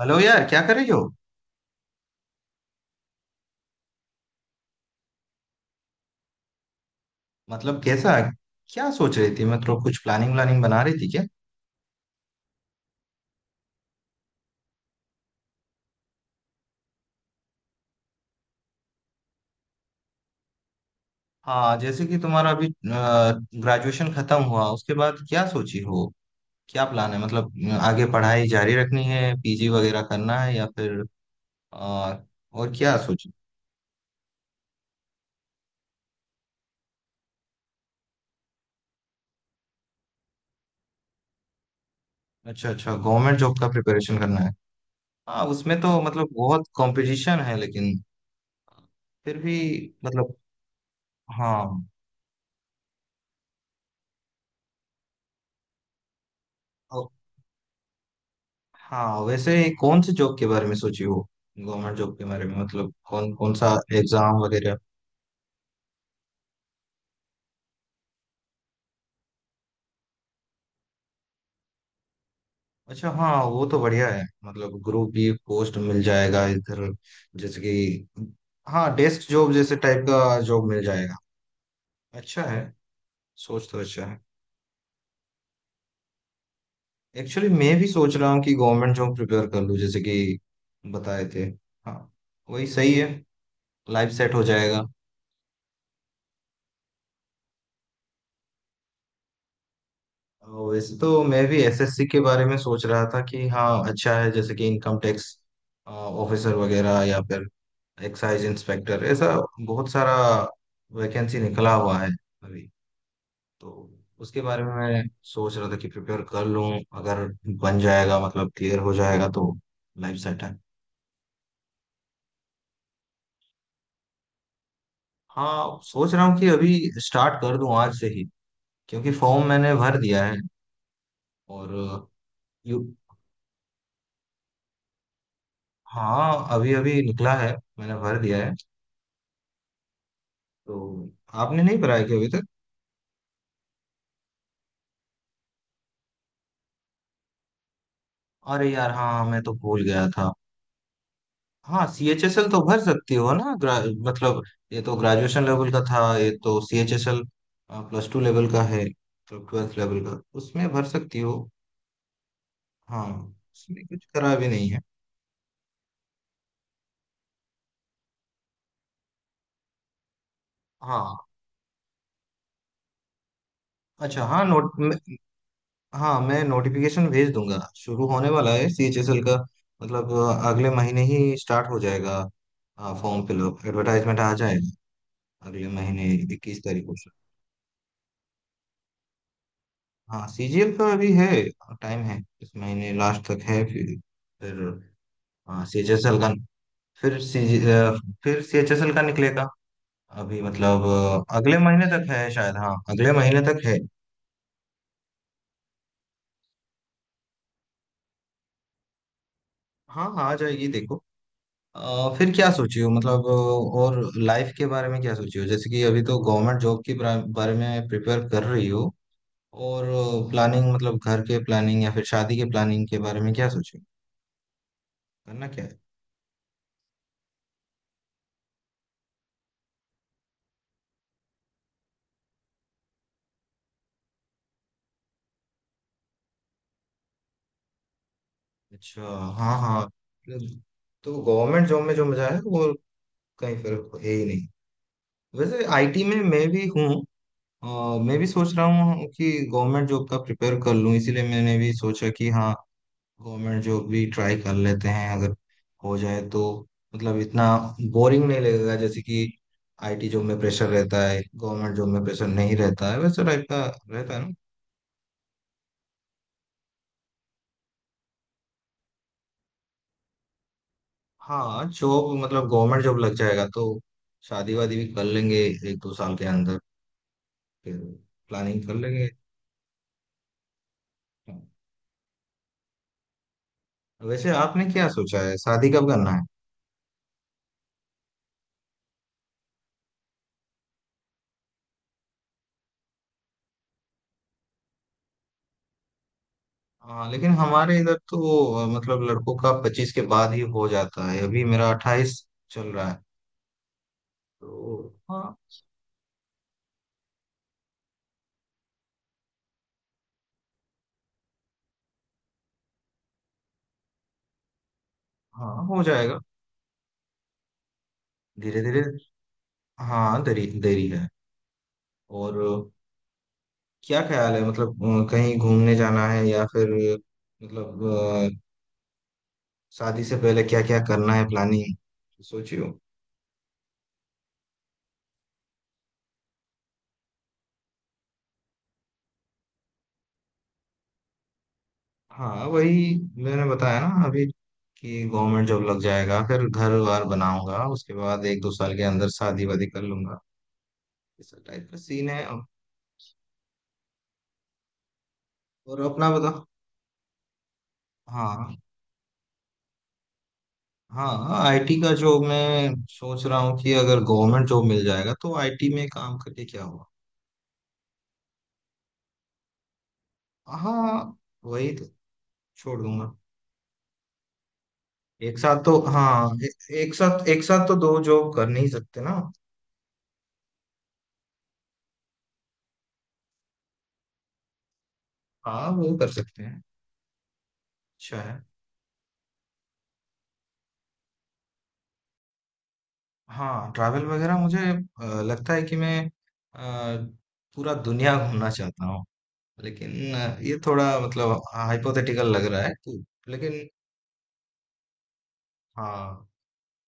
Hello यार, क्या कर रही हो। मतलब कैसा? क्या सोच रही थी, मतलब कुछ प्लानिंग व्लानिंग बना रही थी क्या। हाँ, जैसे कि तुम्हारा अभी ग्रेजुएशन खत्म हुआ उसके बाद क्या सोची हो, क्या प्लान है, मतलब आगे पढ़ाई जारी रखनी है, पीजी वगैरह करना है या फिर अ, और क्या सोची। अच्छा अच्छा, गवर्नमेंट जॉब का प्रिपरेशन करना है। हाँ, उसमें तो मतलब बहुत कंपटीशन है, लेकिन फिर भी। मतलब, हाँ। हाँ वैसे, कौन से जॉब के बारे में सोची हो, गवर्नमेंट जॉब के बारे में, मतलब कौन कौन सा एग्जाम वगैरह। अच्छा हाँ, वो तो बढ़िया है, मतलब ग्रुप बी पोस्ट मिल जाएगा इधर, जैसे कि, हाँ डेस्क जॉब जैसे टाइप का जॉब मिल जाएगा। अच्छा है, सोच तो अच्छा है। एक्चुअली मैं भी सोच रहा हूँ कि गवर्नमेंट जॉब प्रिपेयर कर लूँ, जैसे कि बताए थे। हाँ वही सही है, लाइफ सेट हो जाएगा। वैसे तो मैं भी एसएससी के बारे में सोच रहा था कि हाँ अच्छा है, जैसे कि इनकम टैक्स ऑफिसर वगैरह, या फिर एक्साइज इंस्पेक्टर, ऐसा बहुत सारा वैकेंसी निकला हुआ है अभी। तो उसके बारे में मैं सोच रहा था कि प्रिपेयर कर लूँ, अगर बन जाएगा मतलब क्लियर हो जाएगा तो लाइफ सेट है। हाँ, सोच रहा हूँ कि अभी स्टार्ट कर दूँ आज से ही, क्योंकि फॉर्म मैंने भर दिया है और। यू, हाँ अभी अभी निकला है, मैंने भर दिया है। तो आपने नहीं भरा है क्या अभी तक। अरे यार, हाँ मैं तो भूल गया था। हाँ सी एच एस एल तो भर सकती हो ना। मतलब, ये तो ग्रेजुएशन लेवल का था, ये तो C H S L plus two level का है, तो ट्वेल्थ लेवल का, उसमें भर सकती हो। हाँ, उसमें कुछ करा भी नहीं है। हाँ। अच्छा हाँ, हाँ मैं नोटिफिकेशन भेज दूंगा, शुरू होने वाला है सी एच एस एल का। मतलब अगले महीने ही स्टार्ट हो जाएगा। हाँ, फॉर्म फिलअप एडवर्टाइजमेंट आ जाएगा, अगले महीने 21 तारीख को। हाँ सीजीएल का अभी है, टाइम है, इस महीने लास्ट तक है, फिर फिर हाँ सीएचएसएल का, फिर सी फिर सीएचएसएल का निकलेगा अभी, मतलब अगले महीने तक है शायद, हाँ अगले महीने तक है। हाँ हाँ, आ जाएगी देखो। फिर क्या सोची हो, मतलब और लाइफ के बारे में क्या सोची हो, जैसे कि अभी तो गवर्नमेंट जॉब के बारे बारे में प्रिपेयर कर रही हो, और प्लानिंग, मतलब घर के प्लानिंग या फिर शादी के प्लानिंग के बारे में क्या सोची हो? करना क्या है। अच्छा हाँ हाँ, मतलब, तो गवर्नमेंट जॉब में जो मजा है वो कहीं फर्क है ही नहीं। वैसे आईटी में मैं भी हूँ। अ, मैं भी सोच रहा हूँ कि गवर्नमेंट जॉब का प्रिपेयर कर लूँ, इसीलिए मैंने भी सोचा कि हाँ, गवर्नमेंट जॉब भी ट्राई कर लेते हैं, अगर हो जाए तो, मतलब इतना बोरिंग नहीं लगेगा, जैसे कि आईटी जॉब में प्रेशर रहता है, गवर्नमेंट जॉब में प्रेशर नहीं रहता है वैसे टाइप का, रहता है ना। हाँ, जॉब मतलब गवर्नमेंट जॉब लग जाएगा तो शादी वादी भी कर लेंगे एक दो साल के अंदर, फिर प्लानिंग कर लेंगे। वैसे आपने क्या सोचा है, शादी कब करना है। हाँ लेकिन हमारे इधर तो मतलब लड़कों का 25 के बाद ही हो जाता है, अभी मेरा 28 चल रहा है, तो हाँ। हाँ हो जाएगा धीरे धीरे। हाँ, देरी देरी है। और क्या ख्याल है, मतलब कहीं घूमने जाना है या फिर, मतलब अ, शादी से पहले क्या क्या करना है, प्लानिंग सोचियो। हाँ वही, मैंने बताया ना अभी कि गवर्नमेंट जॉब लग जाएगा, फिर घर वार बनाऊंगा, उसके बाद एक दो साल के अंदर शादी वादी कर लूंगा, इस टाइप का सीन है। और अपना बता। हाँ। हाँ आईटी का जॉब मैं सोच रहा हूँ कि अगर गवर्नमेंट जॉब मिल जाएगा तो आईटी में काम करके क्या हुआ। हाँ वही तो, छोड़ दूंगा। एक साथ तो हाँ, एक साथ तो दो जॉब कर नहीं सकते ना। हाँ वो कर सकते हैं, अच्छा है। हाँ ट्रैवल वगैरह मुझे लगता है कि मैं अ, पूरा दुनिया घूमना चाहता हूँ, लेकिन ये थोड़ा मतलब हाइपोथेटिकल लग रहा है कि, लेकिन। हाँ,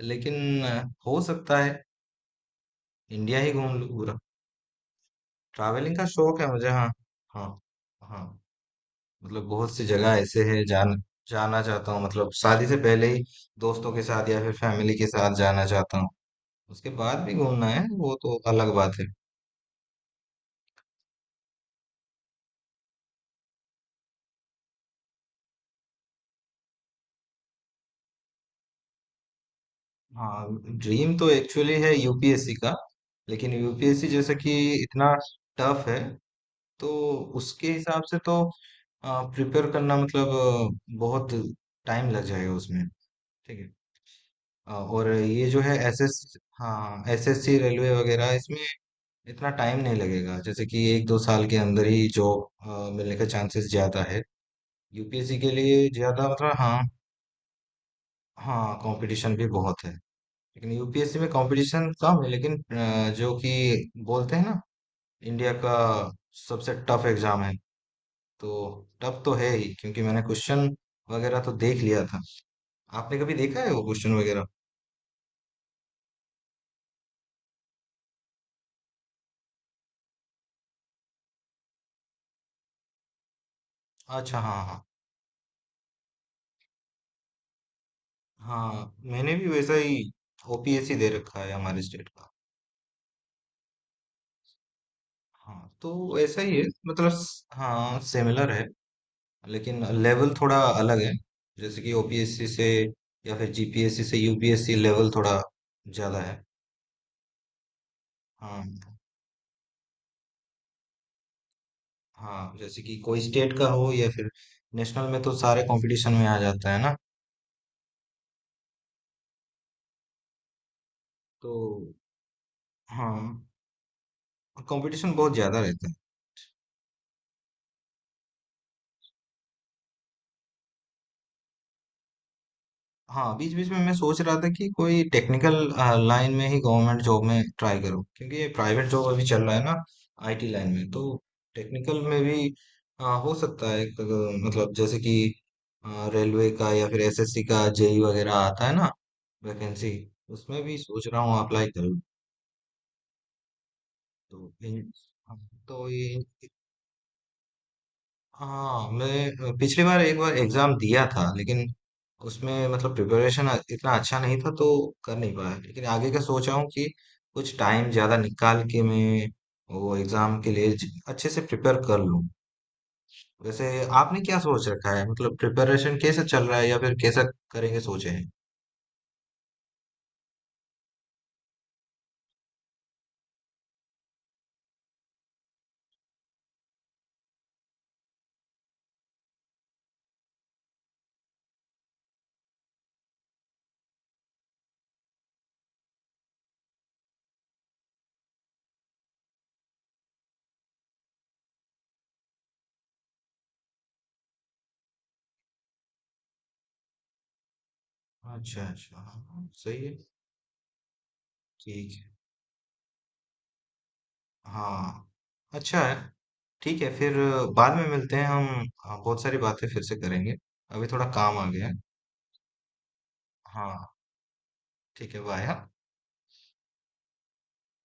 लेकिन हो सकता है इंडिया ही घूम लूँ पूरा। ट्रैवलिंग का शौक है मुझे, हाँ हाँ हाँ। मतलब बहुत सी जगह ऐसे है, जान जाना चाहता हूँ, मतलब शादी से पहले ही दोस्तों के साथ या फिर फैमिली के साथ जाना चाहता हूँ। उसके बाद भी घूमना है, वो तो अलग बात है। हाँ। ड्रीम तो एक्चुअली है यूपीएससी का, लेकिन यूपीएससी जैसे कि इतना टफ है तो उसके हिसाब से तो प्रिपेयर करना, मतलब बहुत टाइम लग जाएगा उसमें। ठीक है। और ये जो है एसएस हाँ एसएससी रेलवे वगैरह, इसमें इतना टाइम नहीं लगेगा, जैसे कि एक दो साल के अंदर ही जॉब मिलने का चांसेस ज्यादा है, यूपीएससी के लिए ज्यादा, मतलब हाँ। हाँ कंपटीशन भी बहुत है, लेकिन यूपीएससी में कंपटीशन कम है, लेकिन जो कि बोलते हैं ना इंडिया का सबसे टफ एग्जाम है, तो टफ तो है ही, क्योंकि मैंने क्वेश्चन वगैरह तो देख लिया था। आपने कभी देखा है वो क्वेश्चन वगैरह। अच्छा हाँ हाँ। हाँ मैंने भी वैसा ही ओपीएससी दे रखा है, हमारे स्टेट का। हाँ तो ऐसा ही है, मतलब हाँ सिमिलर है। लेकिन लेवल थोड़ा अलग है, जैसे कि ओपीएससी से या फिर जीपीएससी से यूपीएससी लेवल थोड़ा ज्यादा है। हाँ हाँ, जैसे कि कोई स्टेट का हो या फिर नेशनल में तो सारे कंपटीशन में आ जाता है ना। तो हाँ, कंपटीशन बहुत ज्यादा रहता है। हाँ बीच बीच में मैं सोच रहा था कि कोई टेक्निकल लाइन में ही गवर्नमेंट जॉब में ट्राई करूँ, क्योंकि ये प्राइवेट जॉब अभी चल रहा है ना आईटी लाइन में, तो टेक्निकल में भी हो सकता है मतलब जैसे कि रेलवे का या फिर एसएससी का जेई वगैरह आता है ना वैकेंसी, उसमें भी सोच रहा हूँ अप्लाई करूँ। तो हाँ, तो ये। हाँ मैं पिछली बार एक बार एग्जाम दिया था, लेकिन उसमें मतलब प्रिपरेशन इतना अच्छा नहीं था तो कर नहीं पाया, लेकिन आगे का सोच रहा हूँ कि कुछ टाइम ज्यादा निकाल के मैं वो एग्जाम के लिए अच्छे से प्रिपेयर कर लूँ। वैसे आपने क्या सोच रखा है, मतलब प्रिपरेशन कैसे चल रहा है या फिर कैसा करेंगे सोचे हैं। अच्छा अच्छा हाँ, सही है। ठीक है। हाँ अच्छा है। ठीक है, फिर बाद में मिलते हैं हम। हाँ, बहुत सारी बातें फिर से करेंगे, अभी थोड़ा काम आ गया है। हाँ ठीक है, वो आया।